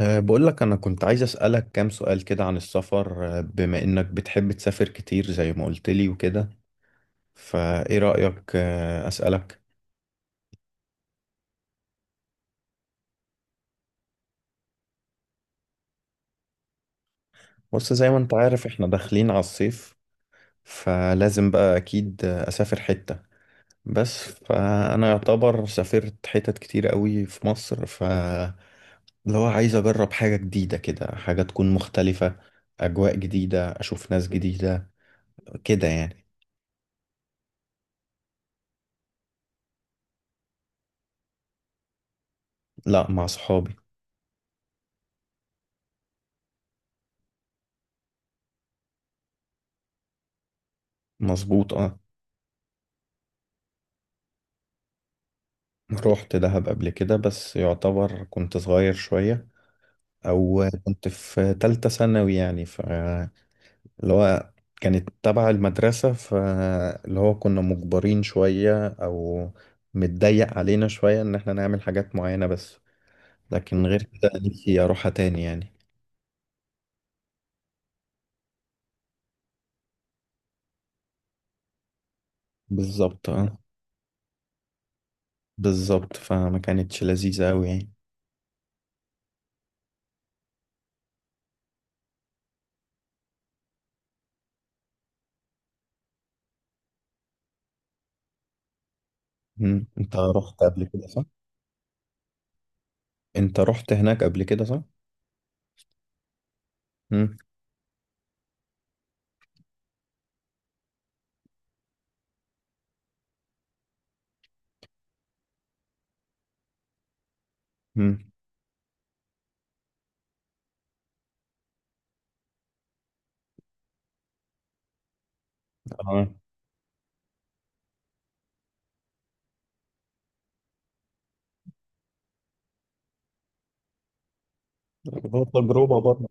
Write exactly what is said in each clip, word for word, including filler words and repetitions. أه، بقول لك أنا كنت عايز أسألك كام سؤال كده عن السفر أه، بما إنك بتحب تسافر كتير زي ما قلت لي وكده. فإيه رأيك؟ أه، أسألك. بص زي ما أنت عارف إحنا داخلين على الصيف، فلازم بقى أكيد أه، أسافر حتة. بس فأنا يعتبر سافرت حتت كتير قوي في مصر، فلو عايز أجرب حاجة جديدة كده، حاجة تكون مختلفة، أجواء جديدة، أشوف ناس جديدة كده يعني. لا، مع صحابي. مظبوط اه. رحت دهب قبل كده بس يعتبر كنت صغير شوية، أو كنت في تالتة ثانوي يعني ف اللي هو كانت تبع المدرسة، فاللي هو كنا مجبرين شوية، أو متضيق علينا شوية إن احنا نعمل حاجات معينة بس. لكن غير كده نفسي أروحها تاني يعني. بالظبط اه. بالظبط، فما كانتش لذيذة أوي يعني. مم. أنت رحت قبل كده صح؟ أنت رحت هناك قبل كده صح؟ مم. مم. اه، هو تجربة برضه.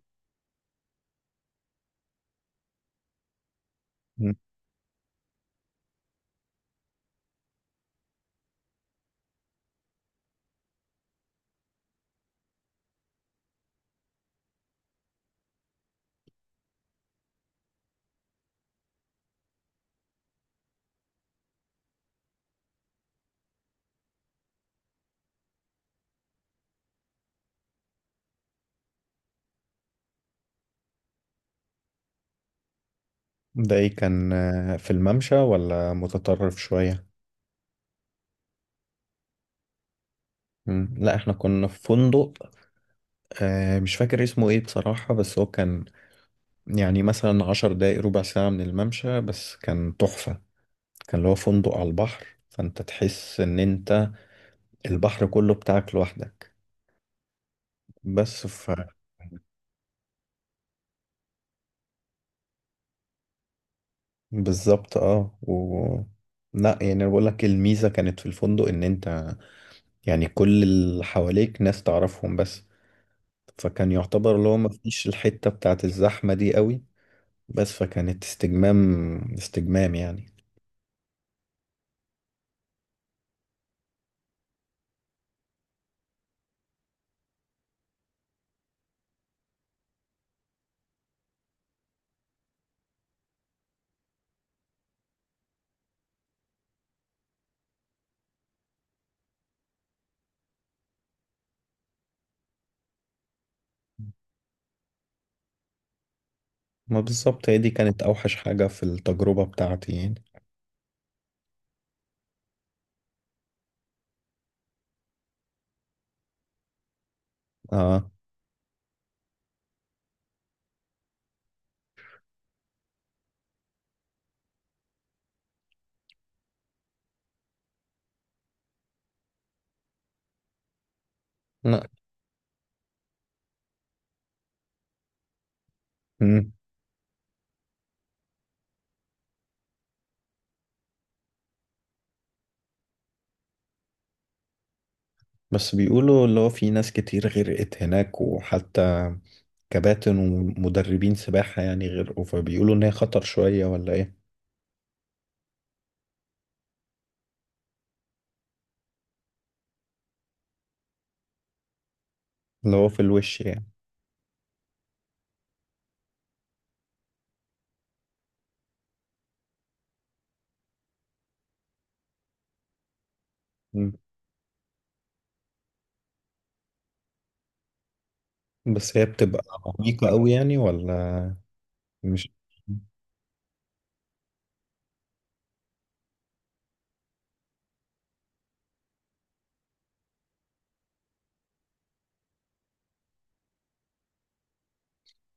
ده ايه، كان آه، في الممشى ولا متطرف شوية؟ مم. لا، احنا كنا في فندق. آه، مش فاكر اسمه ايه بصراحة، بس هو كان يعني مثلا عشر دقايق ربع ساعة من الممشى، بس كان تحفة. كان اللي هو فندق على البحر، فانت تحس ان انت البحر كله بتاعك لوحدك. بس ف. بالظبط اه و. لا يعني انا بقول لك الميزه كانت في الفندق، ان انت يعني كل اللي حواليك ناس تعرفهم بس. فكان يعتبر اللي هو مفيش الحتة بتاعت الزحمة دي قوي. بس فكانت استجمام، استجمام يعني. ما بالظبط، هي دي كانت أوحش حاجة في التجربة بتاعتي يعني. اه. لا. مم. بس بيقولوا اللي هو في ناس كتير غرقت هناك، وحتى كباتن ومدربين سباحة يعني غرقوا، فبيقولوا إن هي خطر شوية ولا إيه. اللي هو في الوش يعني. مم. بس هي بتبقى عميقة قوي يعني ولا مش.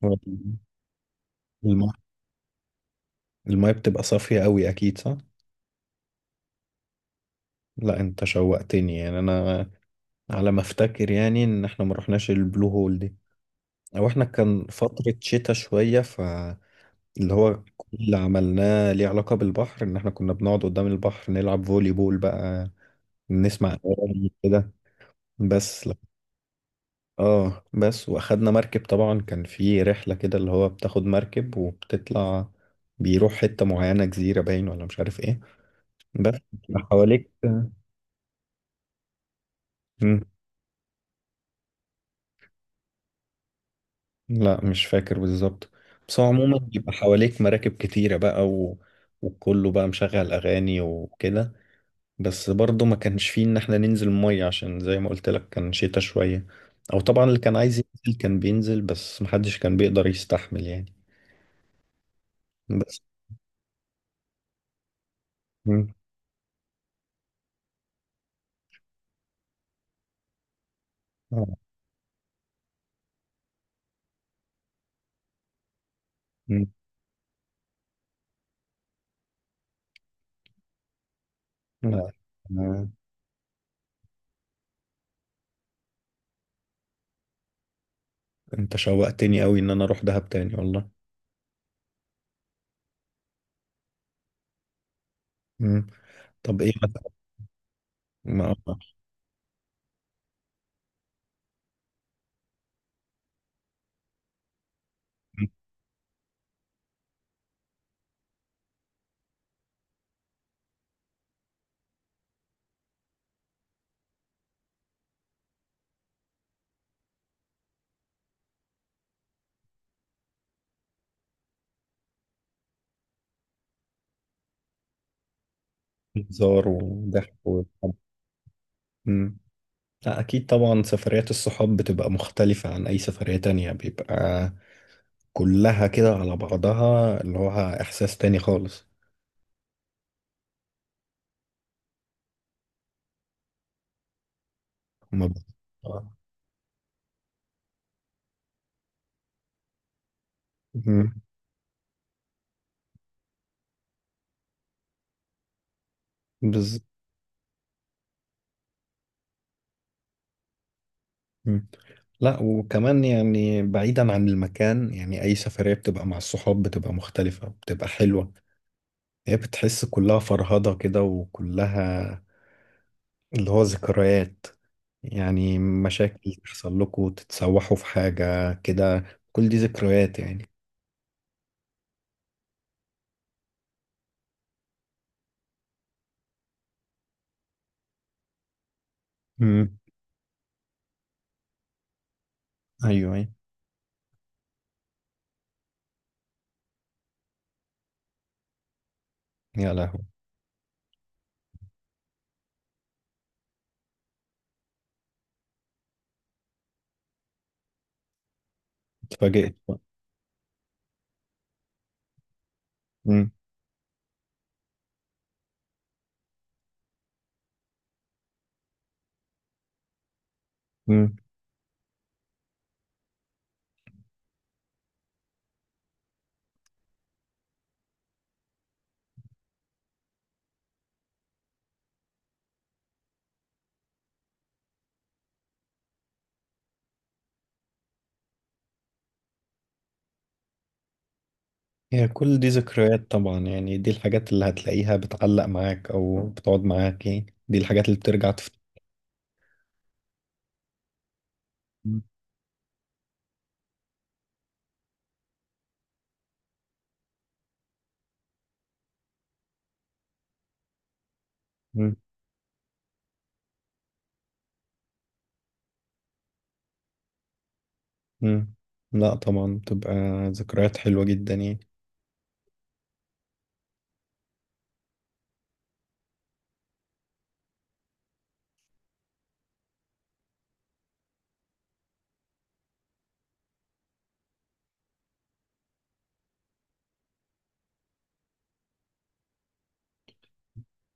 ولا-. الماء الماء بتبقى صافية قوي أكيد صح؟ لا، انت شوقتني يعني انا، على ما افتكر يعني ان احنا ما رحناش البلو هول دي، او احنا كان فترة شتاء شوية، فاللي هو كل اللي عملناه ليه علاقة بالبحر ان احنا كنا بنقعد قدام البحر نلعب فولي بول بقى، نسمع اغاني كده. بس لا. اه، بس واخدنا مركب طبعا، كان في رحلة كده اللي هو بتاخد مركب وبتطلع، بيروح حتة معينة، جزيرة باين ولا مش عارف ايه. بس حواليك. لا، مش فاكر بالظبط. بس هو عموما بيبقى حواليك مراكب كتيرة بقى و... وكله بقى مشغل أغاني وكده. بس برضه ما كانش فيه إن احنا ننزل مية، عشان زي ما قلت لك كان شتا شوية. أو طبعا اللي كان عايز ينزل كان بينزل، بس محدش كان بيقدر يستحمل يعني. بس. مم. آه. مم. لا. آه. أنت شوقتني أوي إن أنا أروح دهب تاني والله. مم. طب إيه مثلا؟ ما. هزار وضحك وحب. لا، أكيد طبعا سفريات الصحاب بتبقى مختلفة عن أي سفرية تانية، بيبقى كلها كده على بعضها، اللي هو إحساس تاني خالص. هما ب-. آه. مم. بز... مم. لا، وكمان يعني بعيدا عن المكان، يعني أي سفرية بتبقى مع الصحاب بتبقى مختلفة، بتبقى حلوة. هي بتحس كلها فرهضة كده، وكلها اللي هو ذكريات يعني، مشاكل تحصل لكم، تتسوحوا في حاجة كده. كل دي ذكريات يعني. مم. ايوه أيوه. يا لهوي. اتفاجئت بقى. مم. مم. هي كل دي ذكريات طبعا يعني، دي الحاجات اللي هتلاقيها بتعلق معاك او بتقعد معاك يعني، دي الحاجات اللي بترجع تفتكر. مم. مم. مم. لا، طبعا بتبقى ذكريات حلوة جدا يعني.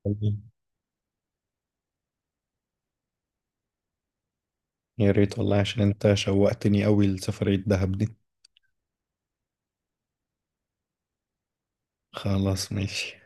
طيب. يا ريت والله، عشان انت شوقتني قوي لسفرية دهب دي. خلاص ماشي